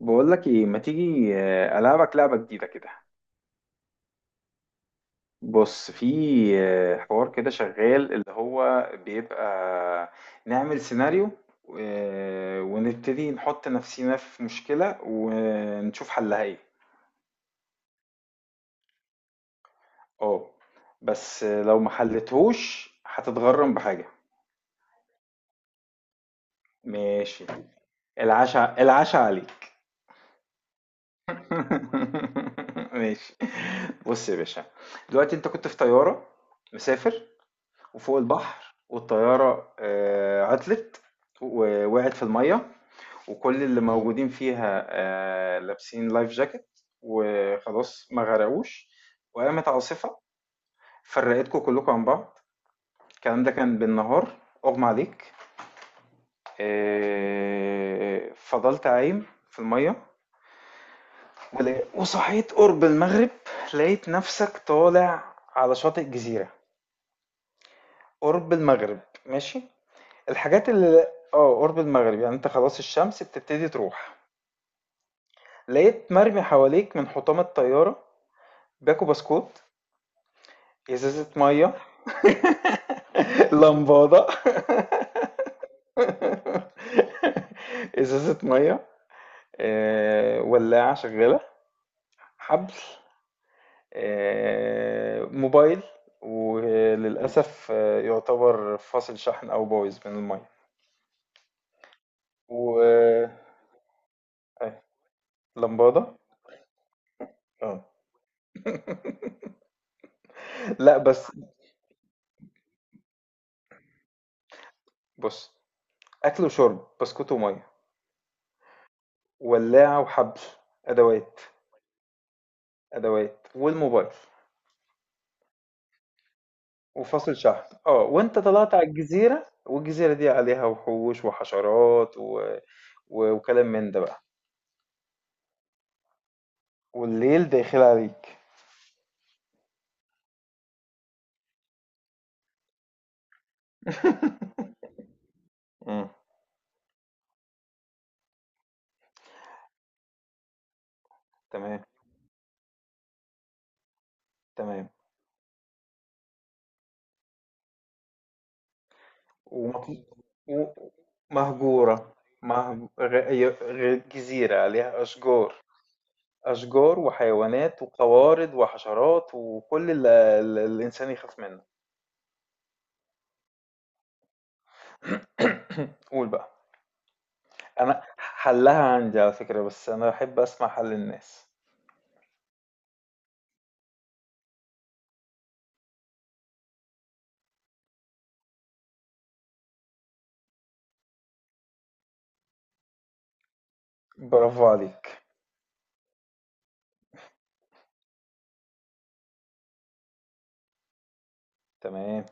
بقول لك ايه، ما تيجي العبك لعبه جديده كده. بص، في حوار كده شغال اللي هو بيبقى، نعمل سيناريو، ونبتدي نحط نفسينا في مشكله ونشوف حلها ايه. اه. بس لو ما حلتهوش هتتغرم بحاجه. ماشي. العشاء العشاء عليك. ماشي. بص يا باشا، دلوقتي انت كنت في طياره، مسافر، وفوق البحر، والطيارة عطلت. ووقعت في المية. وكل اللي موجودين فيها لابسين لايف جاكيت، وخلاص ما غرقوش. وقامت عاصفة، فرقتكم كلكم عن بعض. الكلام ده كان بالنهار. أغمى عليك، فضلت عايم في المية. وصحيت قرب المغرب. لقيت نفسك طالع على شاطئ جزيرة، قرب المغرب. ماشي. الحاجات اللي اه، قرب المغرب يعني انت خلاص الشمس بتبتدي تروح. لقيت مرمي حواليك من حطام الطيارة: باكو بسكوت، ازازة مية، لمبادة، ازازة مية، ولاعة شغالة، حبل، موبايل، وللأسف يعتبر فاصل شحن أو بايظ من المية، و لمبادة. اه. لا، بس بص، اكل وشرب بسكوت وميه، ولاعه وحبل، ادوات، ادوات والموبايل وفاصل شحن، اه. وانت طلعت على الجزيره، والجزيره دي عليها وحوش وحشرات وكلام من ده بقى، والليل داخل عليك. مم. تمام، تمام. ومط... ومهجوره. مهج... غ... ي- غ... جزيره عليها اشجار. اشجار وحيوانات وقوارض وحشرات، وكل اللي الانسان يخاف منه. قول بقى. انا حلها عندي على فكرة، بس انا بحب اسمع حل الناس. برافو عليك. تمام.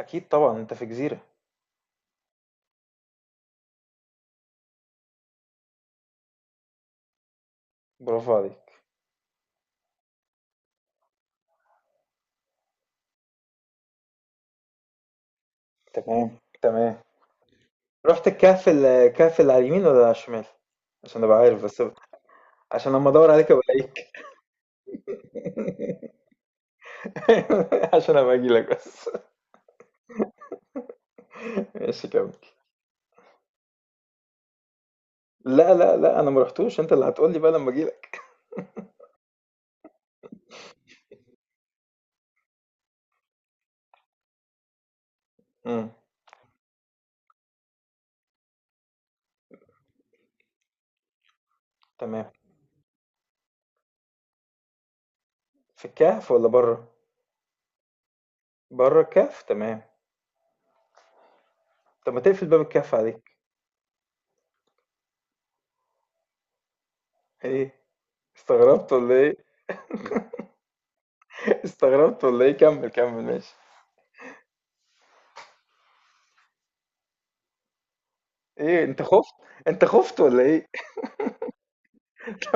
اكيد طبعا، انت في جزيرة. برافو عليك. تمام، تمام. رحت الكهف، الكهف اللي على اليمين ولا على الشمال؟ عشان ابقى عارف بس. عشان لما ادور عليك الاقيك. عشان ابقى اجي لك بس. ماشي، كمل. لا، لا، لا، انا ما رحتوش، انت اللي هتقول لي بقى لما اجي لك. امم. تمام. في الكهف ولا بره؟ بره الكهف. تمام. طب ما تقفل باب الكهف عليك. ايه، استغربت ولا ايه؟ استغربت ولا ايه؟ كمل، كمل، ماشي. ايه، انت خفت ولا ايه؟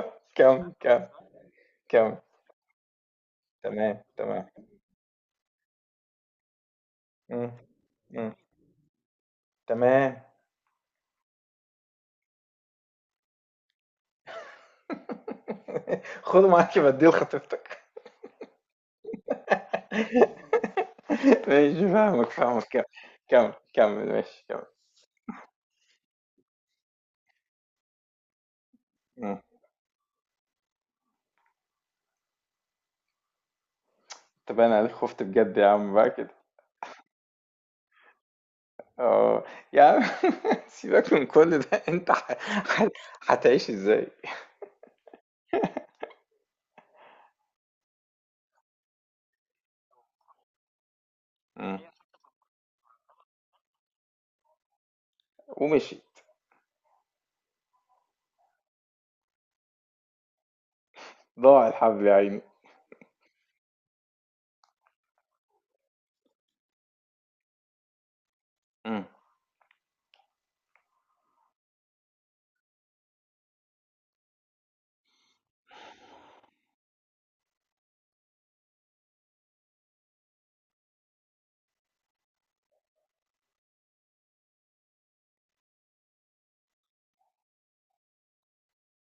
كمل، كمل، كمل. تمام، تمام. مم. مم. تمام. خده معاك بديه لخطيبتك. ماشي، فاهمك فاهمك، كمل، كمل، كمل، ماشي، كمل. مم. طب انا عليك خفت بجد يا عم بقى كده. اه. يا عم سيبك من كل ده انت ح... هتعيش ازاي؟ مم. ومشي. ضاع الحب يا عيني.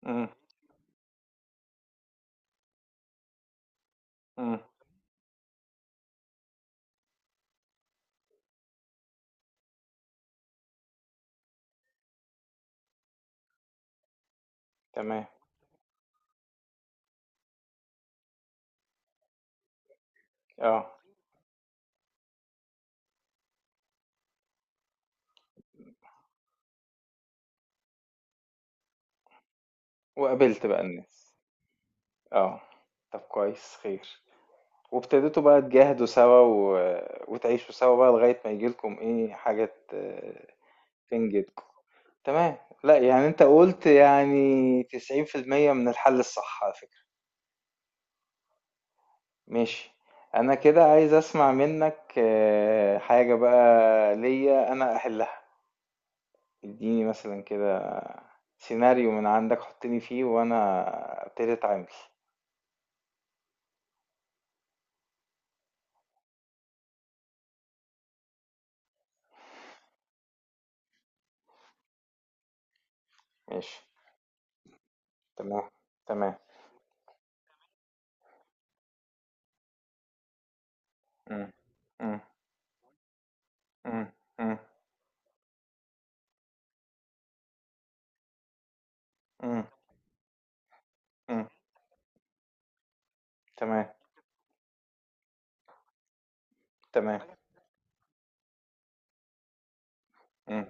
مم. مم. تمام. آه. وقابلت بقى الناس. آه. طب كويس خير. وابتديتوا بقى تجاهدوا سوا وتعيشوا سوا بقى لغاية ما ييجي لكم إيه حاجة تنجدكم. تمام. لأ، يعني أنت قُلت يعني 90% من الحل الصح على فكرة. ماشي. أنا كده عايز أسمع منّك حاجة بقى ليّا أنا أحلها. ادّيني مثلًا كده سيناريو من عندك، حُطّني فيه وأنا أبتدي أتعامل. ماشي. تمام، تمام، إمم، إمم، إمم، إمم، إمم، إمم، تمام، تمام، إمم،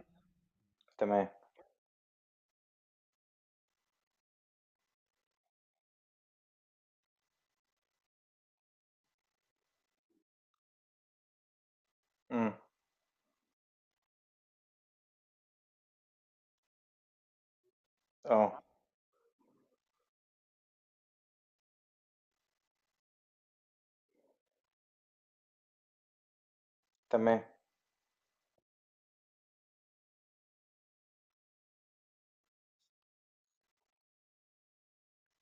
تمام، إمم، آه، تمام،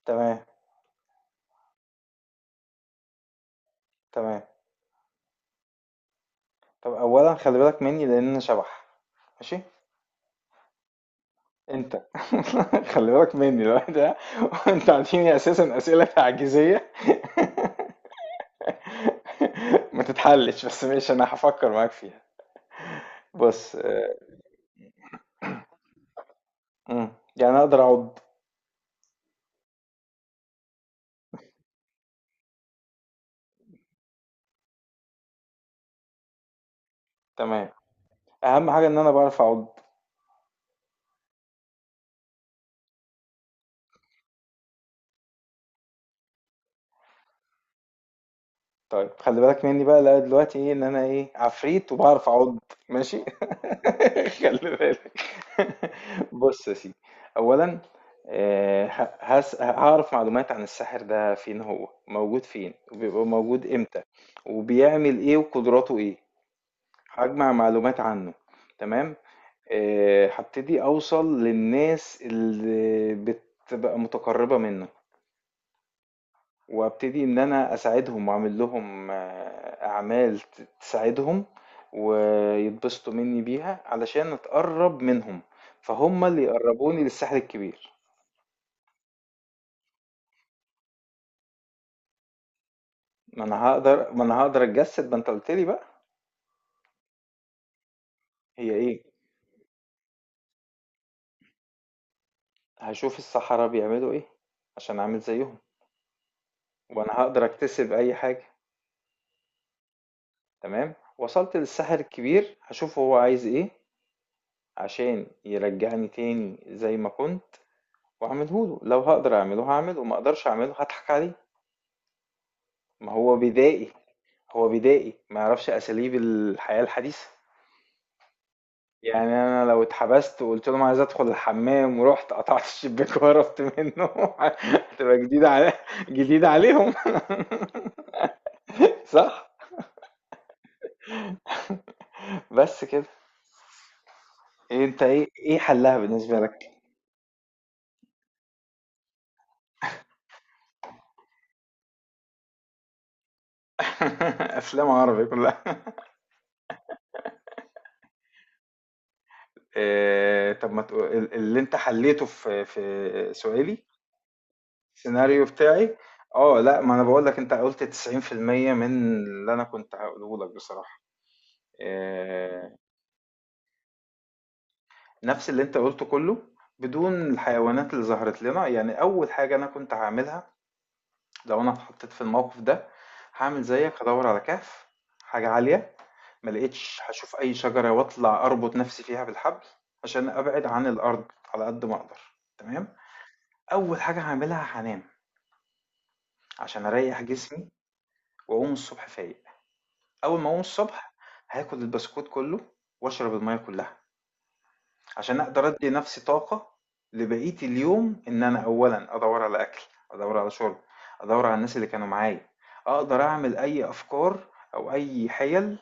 تمام، تمام. طَب أولًا خلِّ بالك منّي لإن أنا شبح، ماشي، أنت خلِّ بالك منّي الواحد ده، وأنت عاطيني أساسًا أسئلة تعجيزية ما تتحلِّش، بس ماشي أنا هافكّر معاك فيها. بُص إمم، يعني أقدر أعُض. تمام. أهم حاجة إن أنا باعرف أعُض. طيب، خلي بالك مني بقى. لقى دلوقتي ايه؟ ان انا ايه، عفريت وبعرف اعض. ماشي. خلي بالك. بص يا سيدي، اولا هعرف معلومات عن الساحر ده، فين هو موجود، فين وبيبقى موجود امتى، وبيعمل ايه، وقدراته ايه. هجمع معلومات عنه. تمام. هبتدي اوصل للناس اللي بتبقى متقربة منه، وابتدي ان انا اساعدهم واعمل لهم اعمال تساعدهم. ويتبسطوا مني بيها علشان اتقرب منهم، فهم اللي يقربوني للساحل الكبير. ما انا هقدر اتجسد، ما انت قلت لي بقى. هي ايه؟ هشوف الصحراء بيعملوا ايه عشان اعمل زيهم. وانا هقدر اكتسب اي حاجة. تمام. وصلت للساحل الكبير، هشوف هو عايز ايه عشان يرجعني تاني زي ما كنت. واعمله له، لو هقدر اعمله هعمله، ما اقدرش اعمله هضحك عليه. ما هو بدائي، هو بدائي ما يعرفش اساليب الحياة الحديثة. يعني انا لو اتحبست وقلت لهم عايز ادخل الحمام، ورحت قطعت الشباك وهربت منه. هتبقى جديدة جديدة عليهم. صح. بس كده. إيه انت، ايه حلها بالنسبة لك؟ افلام عربي كلها. إيه طب، ما تقول- ال- اللي انت حليته في سؤالي، السيناريو بتاعي. اه، لا، ما انا بقول لك انت قلت 90% من اللي انا كنت هقوله لك بصراحة. آه، نفس اللي انت قلته كله، بدون الحيوانات اللي ظهرت لنا. يعني اول حاجة انا كنت هعملها لو انا اتحطيت في الموقف ده، هعمل زيك، هدور على كهف، حاجة عالية. ما لقيتش، هشوف اي شجرة واطلع اربط نفسي فيها بالحبل، عشان ابعد عن الارض على قد ما اقدر. تمام. اول حاجة هعملها هنام، عشان اريح جسمي واقوم الصبح فايق. أول ما أقوم الصبح، هاكل البسكوت كله وأشرب المية كلها، عشان أقدر أدي نفسي طاقة لبقية اليوم. إن أنا أولا أدور على أكل، أدور على شرب، أدور على الناس اللي كانوا معايا. أقدر أعمل أي أفكار أو أي حيل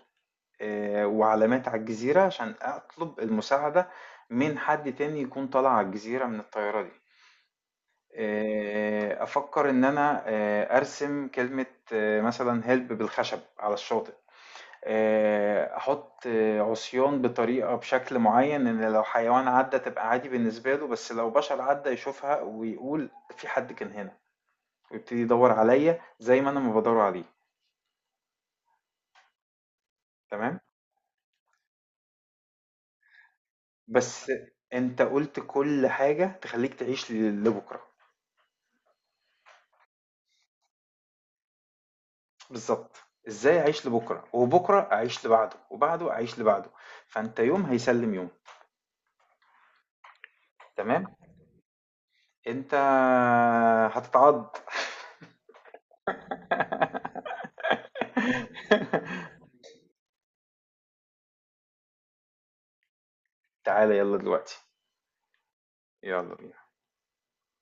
وعلامات على الجزيرة، عشان أطلب المساعدة من حد تاني يكون طالع على الجزيرة من الطيارة دي. أفكر إن أنا أرسم كلمة مثلا هيلب بالخشب على الشاطئ. أحط عصيان بطريقة بشكل معيّن، إن لو حيوان عدّى تبقى عادي بالنسبة له، بس لو بشر عدّى يشوفها ويقول: في حد كان هنا، ويبتدي يدوّر عليَّ زي ما أنا ما بادوّر عليه. تمام؟ بس أنت قُلت كل حاجة تخلّيك تعيش لبُكرة. بالضبط. إزاي أعيش لبُكرة، وبُكرة أعيش لبعده، وبعده أعيش لبعده. فأنت يوم هيسلّم يوم. تمام؟ أنت هتتعض. تعالَ يالّا دلوقتي، يالّا بينا.